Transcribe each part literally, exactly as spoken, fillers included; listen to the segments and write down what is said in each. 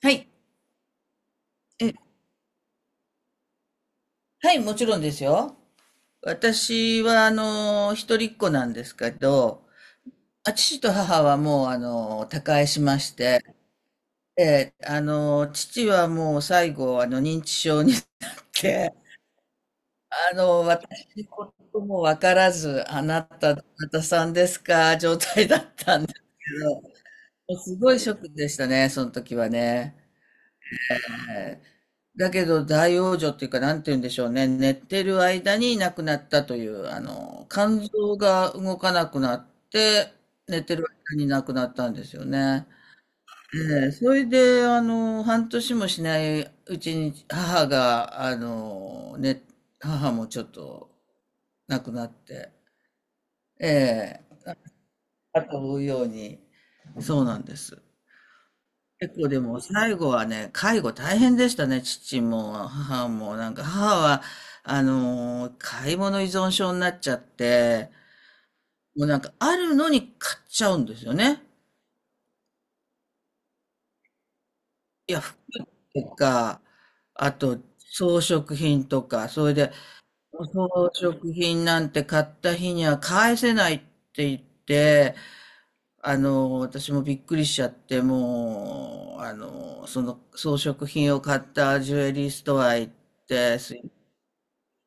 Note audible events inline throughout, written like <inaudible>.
はい。え、はい、もちろんですよ。私は、あの、一人っ子なんですけど、あ、父と母はもう、あの、他界しまして、であの、父はもう最後、あの、認知症になって、あの、私のこともわからず、あなた、どなたさんですか、状態だったんですけど、もうすごいショックでしたね、その時はね。だけど大往生っていうか、なんて言うんでしょうね。寝てる間に亡くなったという、あの、肝臓が動かなくなって、寝てる間に亡くなったんですよね。ええ、それで、あの、半年もしないうちに母が、あの、ね、母もちょっと亡くなって、ええ、後を追うように、そうなんです。結構でも最後はね、介護大変でしたね、父も母も。なんか母は、あのー買い物依存症になっちゃって、もうなんかあるのに買っちゃうんですよね。いや、服とか、あと装飾品とか、それで、装飾品なんて買った日には返せないって言って、あの私もびっくりしちゃって、もう、あのその装飾品を買ったジュエリーストア行って、すい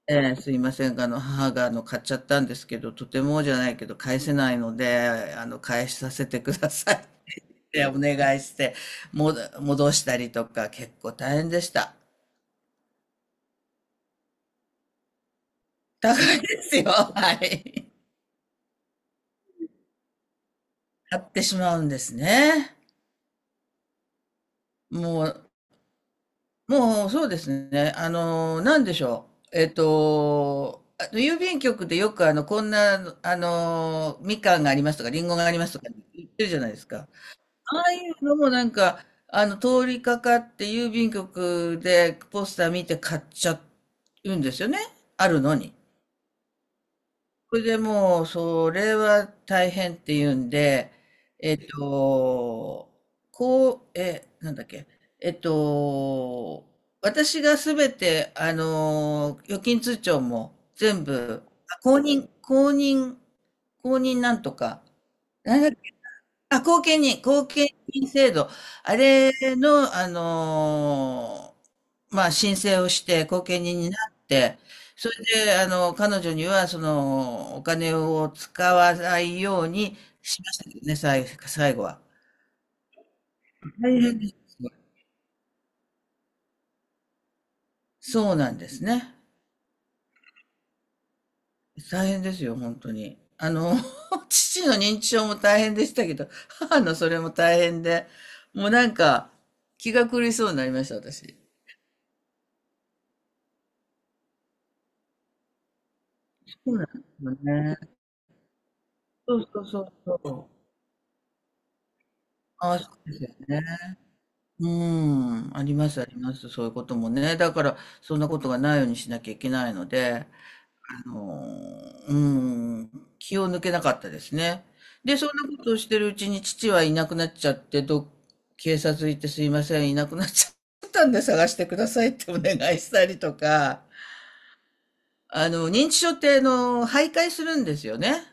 ええ、すいませんが。あの、母が、あの、買っちゃったんですけど、とてもじゃないけど、返せないので、あの、返させてくださいってお願いして、もど、戻したりとか、結構大変でした。高いですよ。はい。買ってしまうんですね。もう、もう、そうですね。あの、なんでしょう。えっと、あの郵便局でよく、あの、こんな、あの、みかんがありますとか、りんごがありますとか言ってるじゃないですか。ああいうのもなんか、あの、通りかかって郵便局でポスター見て買っちゃうんですよね。あるのに。それでもう、それは大変っていうんで、えっと、こう、え、なんだっけ、えっと、私がすべて、あの、預金通帳も全部、あ公認、公認、公認なんとか、なんだっあ、後見人、後見人制度。あれの、あのーまあ、申請をして、後見人になって、それで、あの、彼女には、その、お金を使わないようにしましたけどね、最、最後は。大変ですよ。そうなんですね。大変ですよ、本当に。あの、<laughs> 父の認知症も大変でしたけど、母のそれも大変で、もうなんか、気が狂いそうになりました、私。そうなんですよね。そうそうそうそう。ああ、そうですよね。うん、ありますあります、そういうこともね。だから、そんなことがないようにしなきゃいけないので、あのー、うん、気を抜けなかったですね。で、そんなことをしてるうちに父はいなくなっちゃって、ど、警察行ってすいません、いなくなっちゃったんで探してくださいってお願いしたりとか、あの、認知症って、あの、徘徊するんですよね。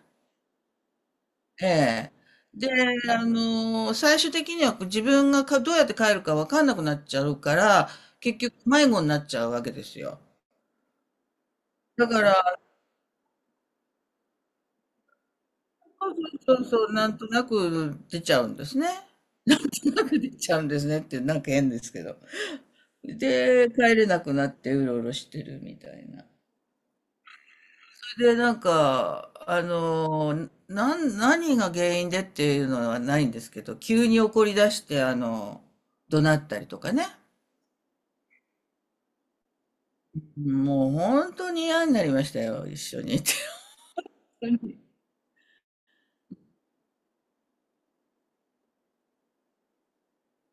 ええ。で、あの、最終的には自分がかどうやって帰るかわかんなくなっちゃうから、結局迷子になっちゃうわけですよ。だから、そうそうそうそう、なんとなく出ちゃうんですね。<laughs> なんとなく出ちゃうんですねって、なんか変ですけど。で、帰れなくなってうろうろしてるみたいな。で、なんか、あの、なん、何が原因でっていうのはないんですけど、急に怒り出して、あの、怒鳴ったりとかね。もう本当に嫌になりましたよ、一緒にいて。<laughs>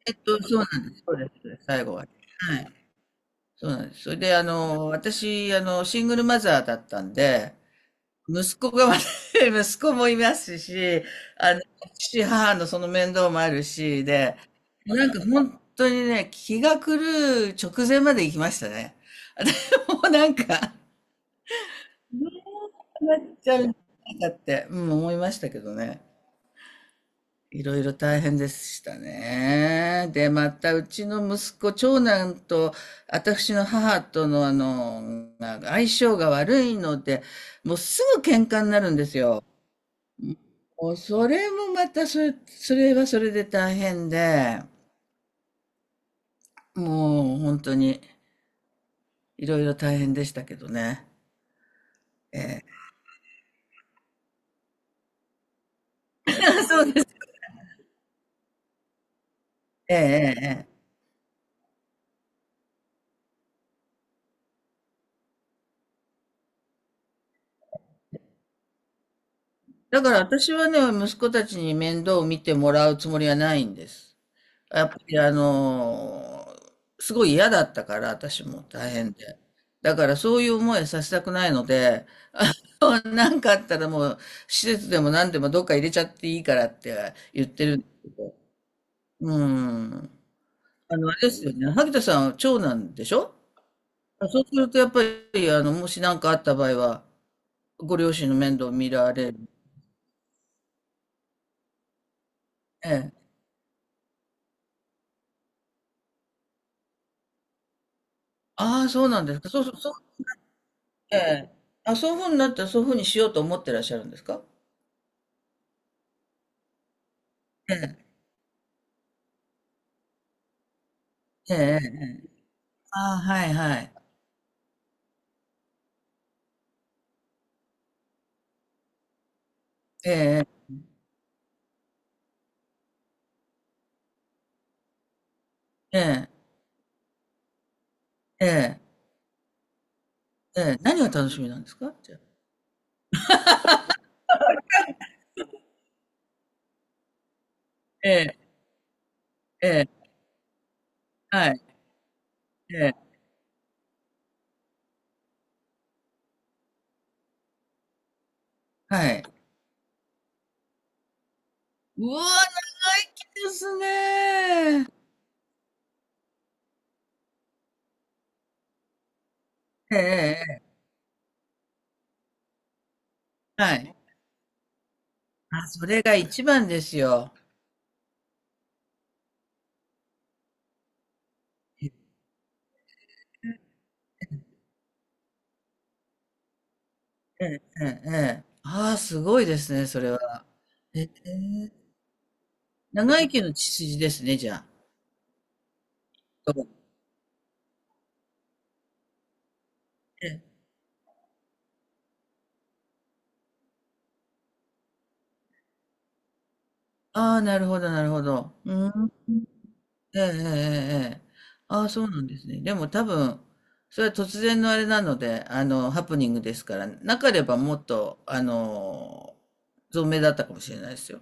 えっと、そうなんです、そうです、最後は。はい。そうなんです。それで、あの、私、あの、シングルマザーだったんで、息子がま <laughs> 息子もいますし、あの、父、母のその面倒もあるし、で、もうなんか本当にね、気が狂う直前まで行きましたね。<laughs> でもうなんか、どうなっちゃう <laughs> んだって、うん、思いましたけどね。いろいろ大変でしたね。で、また、うちの息子、長男と、私の母との、あの、相性が悪いので、もうすぐ喧嘩になるんですよ。もうそれもまたそれ、それはそれで大変で、もう本当にいろいろ大変でしたけどね。ええ、ええ、ええ。だから私はね、息子たちに面倒を見てもらうつもりはないんです。やっぱりあのーすごい嫌だったから、私も大変で。だからそういう思いさせたくないので、<laughs> なんかあったらもう施設でも何でもどっか入れちゃっていいからって言ってるんですけど。うん。あの、あれですよね。萩田さんは長男でしょ。そうするとやっぱり、あの、もし何かあった場合は、ご両親の面倒を見られる。ええ。ああ、そうなんですか。そうそう、そう、ええ。あ、そういうふうになったらそういうふうにしようと思ってらっしゃるんですか。ええ。ああ、はいはい。ええ、ええ、ええ、ええ、何が楽しみなんですかじゃあ。ええ、ええ、はい、ええ、はい。うわ、長生きですね。ええ、ええ、はい。あ、それが一番ですよ。ええ、ええ、ええ。ああ、すごいですね、それは。ええ、長生きの血筋ですね、じゃあ。ええ、ああ、なるほど、なるほど。うん。ええええええ。ああ、そうなんですね。でも多分、それは突然のあれなので、あの、ハプニングですから、なければもっと、あの、存命だったかもしれないですよ。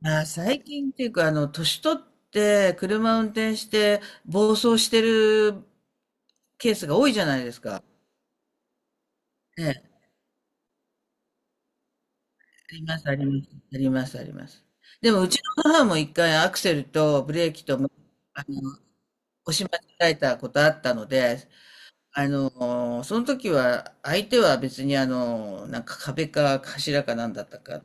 まあ、最近っていうか、あの、年取って車運転して暴走してるケースが多いじゃないですか。ええ、あります、あります、あります、あります。でも、うちの母も一回アクセルとブレーキと、あの、押し間違えたことあったので、あの、その時は、相手は別にあの、なんか壁か柱かなんだったか、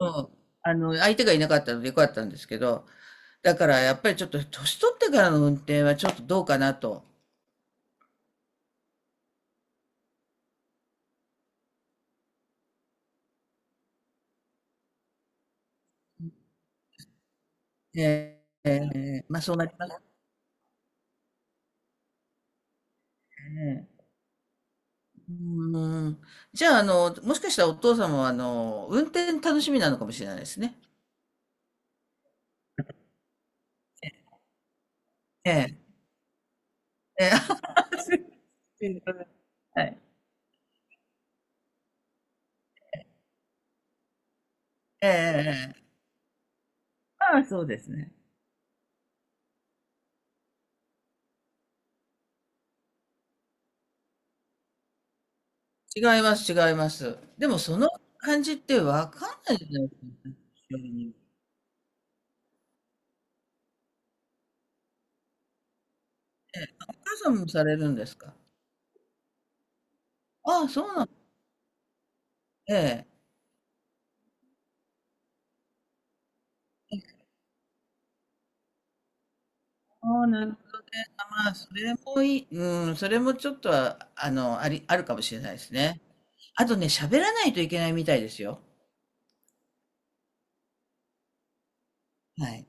うん、あの、相手がいなかったのでよかったんですけど、だからやっぱりちょっと年取ってからの運転はちょっとどうかなと。えーえーまあそうなりますね。うん。じゃあ、あの、もしかしたらお父様は、あの、運転楽しみなのかもしれないですね。ええ。ええ。<laughs> はい。ええええええ。ああ、そうですね。違います違います。でもその感じってわかんないじゃないですか、年寄りに。ええ、お母さんもされるんですか？ああ、そうなんええ。ああ、なるほどね。まあ、それもいいうん、それもちょっとは、あの、ありあるかもしれないですね。あとね、喋らないといけないみたいですよ。はい。